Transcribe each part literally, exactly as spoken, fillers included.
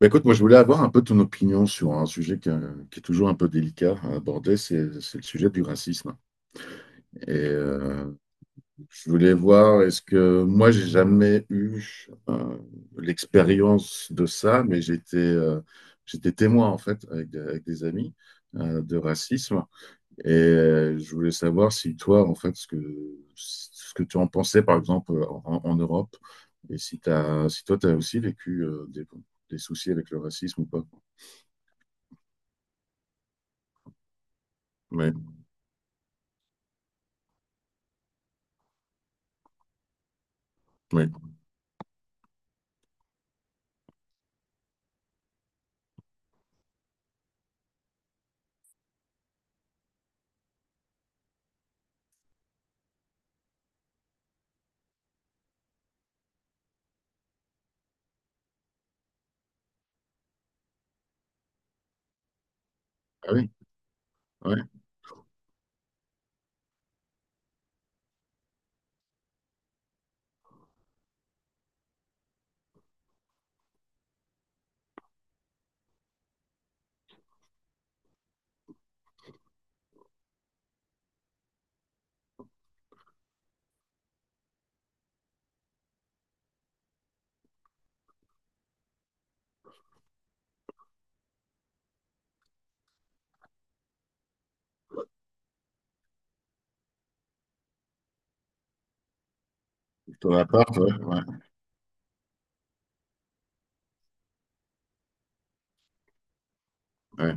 Bah, écoute, moi je voulais avoir un peu ton opinion sur un sujet qui, euh, qui est toujours un peu délicat à aborder, c'est c'est le sujet du racisme. Et euh, je voulais voir, est-ce que moi j'ai jamais eu euh, l'expérience de ça, mais j'étais euh, j'étais témoin en fait avec, des- avec des amis euh, de racisme. Et euh, je voulais savoir si toi en fait ce que ce que tu en pensais par exemple en, en Europe et si t'as si toi tu as aussi vécu euh, des, des soucis avec le racisme ou pas. Oui. Ah oui, ouais. Ton appart, ouais, ouais, ouais,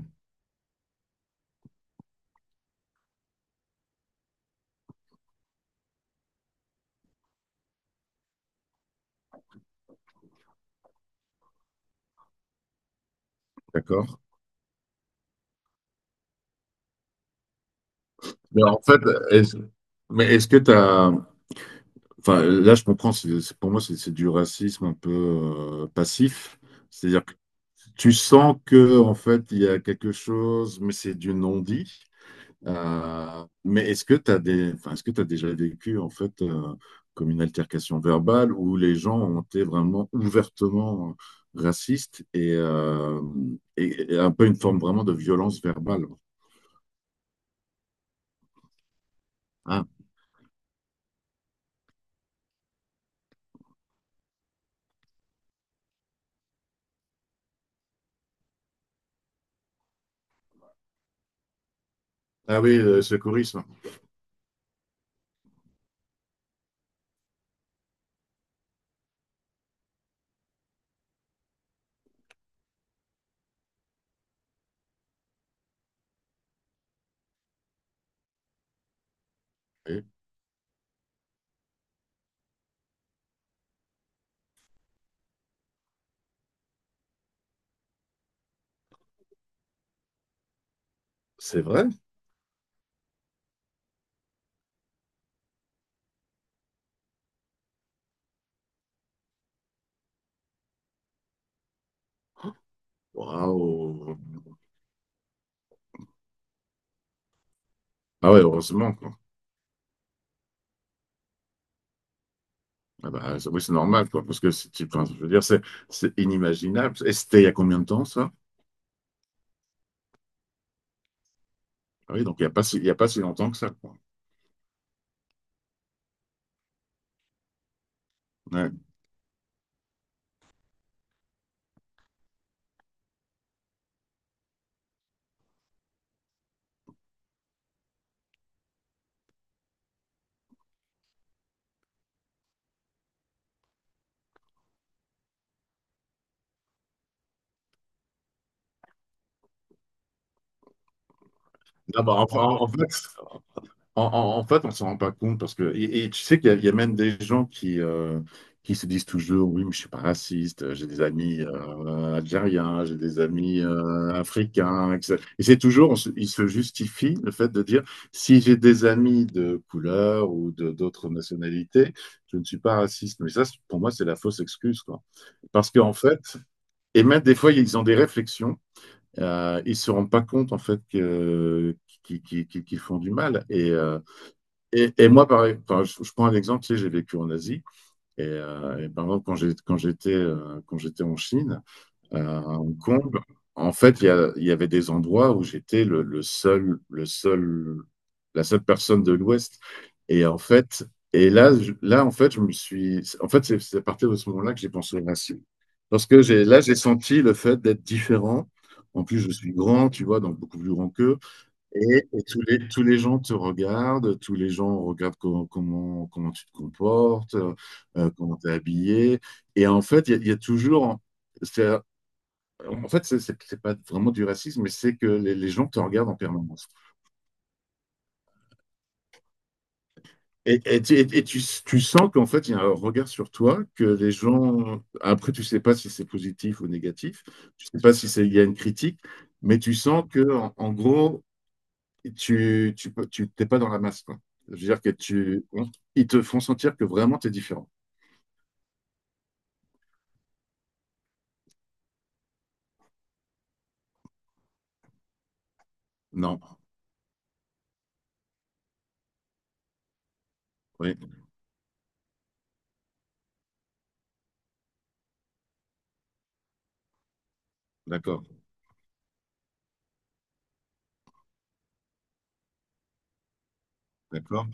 d'accord. Mais en fait, est-ce, mais est-ce que t'as, enfin, là, je comprends, c'est, c'est- pour moi, c'est c'est du racisme un peu euh, passif. C'est-à-dire que tu sens que, en fait, il y a quelque chose, mais c'est du non-dit. Euh, mais est-ce que tu as des, enfin, est-ce que tu déjà vécu en fait euh, comme une altercation verbale où les gens ont été vraiment ouvertement racistes et, euh, et, et un peu une forme vraiment de violence verbale? Ah, ah oui, le secourisme. Oui. C'est vrai? Waouh! Ah ouais, heureusement, quoi. Ah bah, c'est- oui, c'est normal, quoi, parce que si tu, enfin, je veux dire, c'est c'est inimaginable. Et c'était il y a combien de temps, ça? Ah oui, donc il n'y a pas si, il y a pas si longtemps que ça, quoi. Ouais. Ah bah, enfin, en fait, En, en- en fait, on s'en rend pas compte parce que et, et tu sais qu'il y, a il y a même des gens qui euh, qui se disent toujours oui, mais je suis pas raciste, euh, j'ai des amis euh, algériens, j'ai des amis euh, africains, et cetera. Et c'est toujours on se- ils se justifient le fait de dire si j'ai des amis de couleur ou de d'autres nationalités, je ne suis pas raciste, mais ça c'est- pour moi c'est la fausse excuse, quoi, parce qu'en fait, et même des fois ils ont des réflexions, euh, ils se rendent pas compte en fait que qu'ils qu'ils- qu'ils- qu'ils font du mal, et euh, et, et moi, par, par- je, je prends un exemple, tu sais, j'ai vécu en Asie. Et, euh, et par exemple, quand j'ai, quand j'étais, euh, quand j'étais en Chine, euh, à Hong Kong, en fait, il y a- il y avait des endroits où j'étais le, le seul, le seul, la seule personne de l'Ouest. Et en fait, et là, je- là, en fait, je me suis, en fait, c'est c'est à partir de ce moment-là que j'ai pensé au racisme. Parce que j'ai, là, j'ai senti le fait d'être différent. En plus, je suis grand, tu vois, donc beaucoup plus grand qu'eux. Et, et tous les, tous les gens te regardent, tous les gens regardent comment, comment, comment tu te comportes, euh, euh, comment tu es habillé. Et en fait, il y, a il y a toujours. c'est- En fait, c'est c'est- c'est pas vraiment du racisme, mais c'est que les, les gens te regardent en permanence. Et, et tu, et tu- tu sens qu'en fait, il y a un regard sur toi, que les gens. Après, tu sais pas si c'est positif ou négatif, tu sais pas si c'est- il y a une critique, mais tu sens que, en, en gros, Et tu, tu, peux- tu t'es pas dans la masse, quoi. Je veux dire que tu, on- ils te font sentir que vraiment tu es différent. Non, oui, d'accord, d'accord.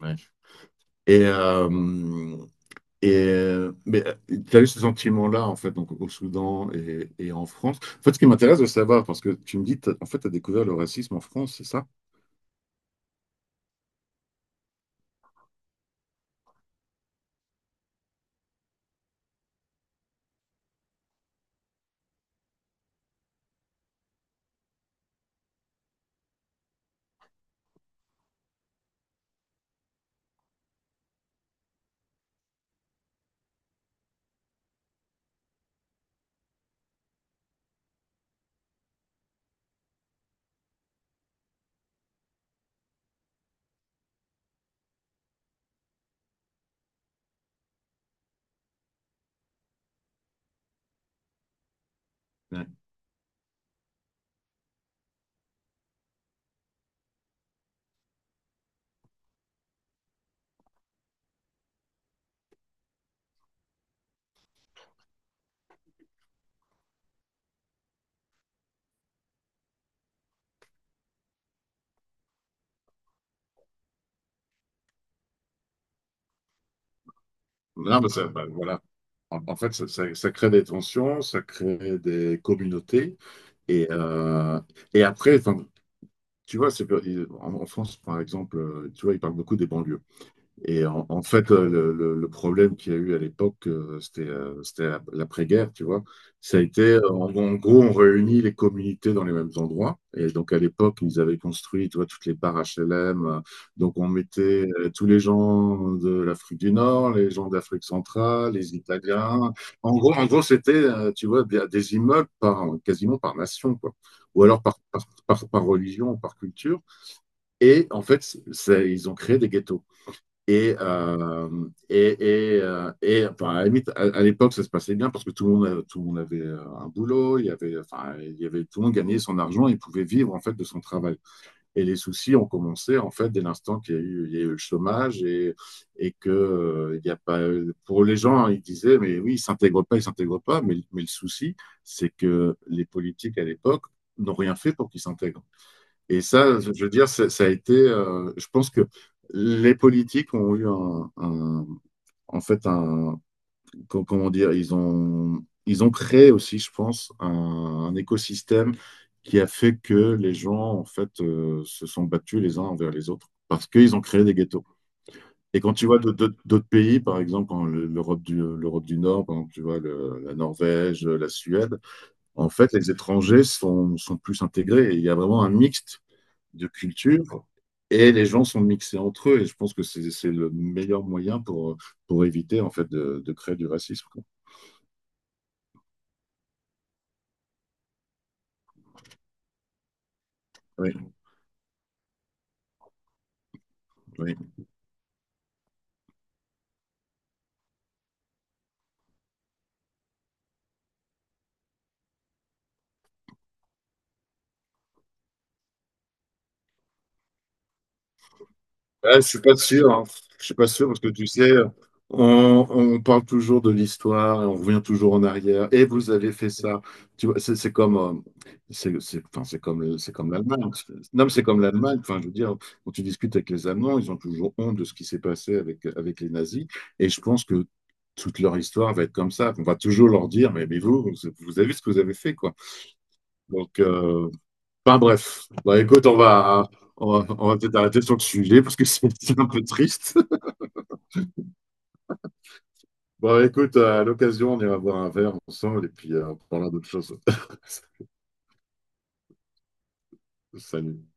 Ouais. Et, euh, et euh, mais tu as eu ce sentiment-là, en fait, donc au Soudan et, et en France. En fait, ce qui m'intéresse de savoir, parce que tu me dis, t'as- en fait, tu as découvert le racisme en France, c'est ça? Ouais. Non, mais ça, ben, voilà. En, en fait, ça, ça- ça crée des tensions, ça crée des communautés. Et, euh, et après, enfin, tu vois, c'est, en, en France, par exemple, euh, tu vois, ils parlent beaucoup des banlieues. Et en, en fait, euh, le, le- le problème qu'il y a eu à l'époque, euh, c'était euh, c'était la- l'après-guerre, tu vois. Ça a été, euh, en, en gros, on réunit les communautés dans les mêmes endroits. Et donc, à l'époque, ils avaient construit, tu vois, toutes les barres H L M. euh, Donc, on mettait euh, tous les gens de l'Afrique du Nord, les gens d'Afrique centrale, les Italiens. En gros, en gros, c'était, euh, tu vois, des, des immeubles par, quasiment par nation, quoi. Ou alors par, par, par, par religion, par culture. Et en fait, c'est- ils ont créé des ghettos. Et, euh, et, et, euh, et, enfin, à la limite, à, à l'époque, ça se passait bien parce que tout le monde, euh, tout le monde avait euh, un boulot, il y avait, enfin, il y avait, tout le monde gagnait son argent, il pouvait vivre en fait de son travail. Et les soucis ont commencé en fait dès l'instant qu'il y a eu, il y a eu le chômage et, et que euh, il y a pas, pour les gens, hein, ils disaient, mais oui, ils s'intègrent pas, ils s'intègrent pas, mais, mais le souci, c'est que les politiques à l'époque n'ont rien fait pour qu'ils s'intègrent. Et ça, je veux dire, ça, ça a été, euh, je pense que les politiques ont eu un, un- en fait, un, co- comment dire, ils ont, ils ont créé aussi, je pense, un, un écosystème qui a fait que les gens, en fait, euh, se sont battus les uns envers les autres parce qu'ils ont créé des ghettos. Et quand tu vois d'autres d'autres- d'autres pays, par exemple, en le- l'Europe du, l'Europe du Nord, par exemple, tu vois le- la Norvège, la Suède, en fait, les étrangers sont, sont plus intégrés. Et il y a vraiment un mixte de culture et les gens sont mixés entre eux. Et je pense que c'est c'est le meilleur moyen pour, pour éviter en fait de, de créer du racisme. quoi. Oui, oui. Ouais, je suis pas sûr, hein. Je suis pas sûr parce que tu sais, on, on parle toujours de l'histoire et on revient toujours en arrière. Et vous avez fait ça. Tu vois, c'est c'est comme, euh, c'est c'est- enfin, c'est comme, le- c'est comme l'Allemagne. Non, mais c'est comme l'Allemagne. Enfin, je veux dire, quand tu discutes avec les Allemands, ils ont toujours honte de ce qui s'est passé avec, avec les nazis. Et je pense que toute leur histoire va être comme ça. On va toujours leur dire, mais, mais vous, vous vous avez vu ce que vous avez fait, quoi. Donc, euh, Enfin bref, bah écoute, on va, on va, on va peut-être arrêter sur le sujet parce que c'est c'est un peu triste. Bon, écoute, à l'occasion, on ira boire un verre ensemble et puis euh, on parlera d'autres choses. Salut.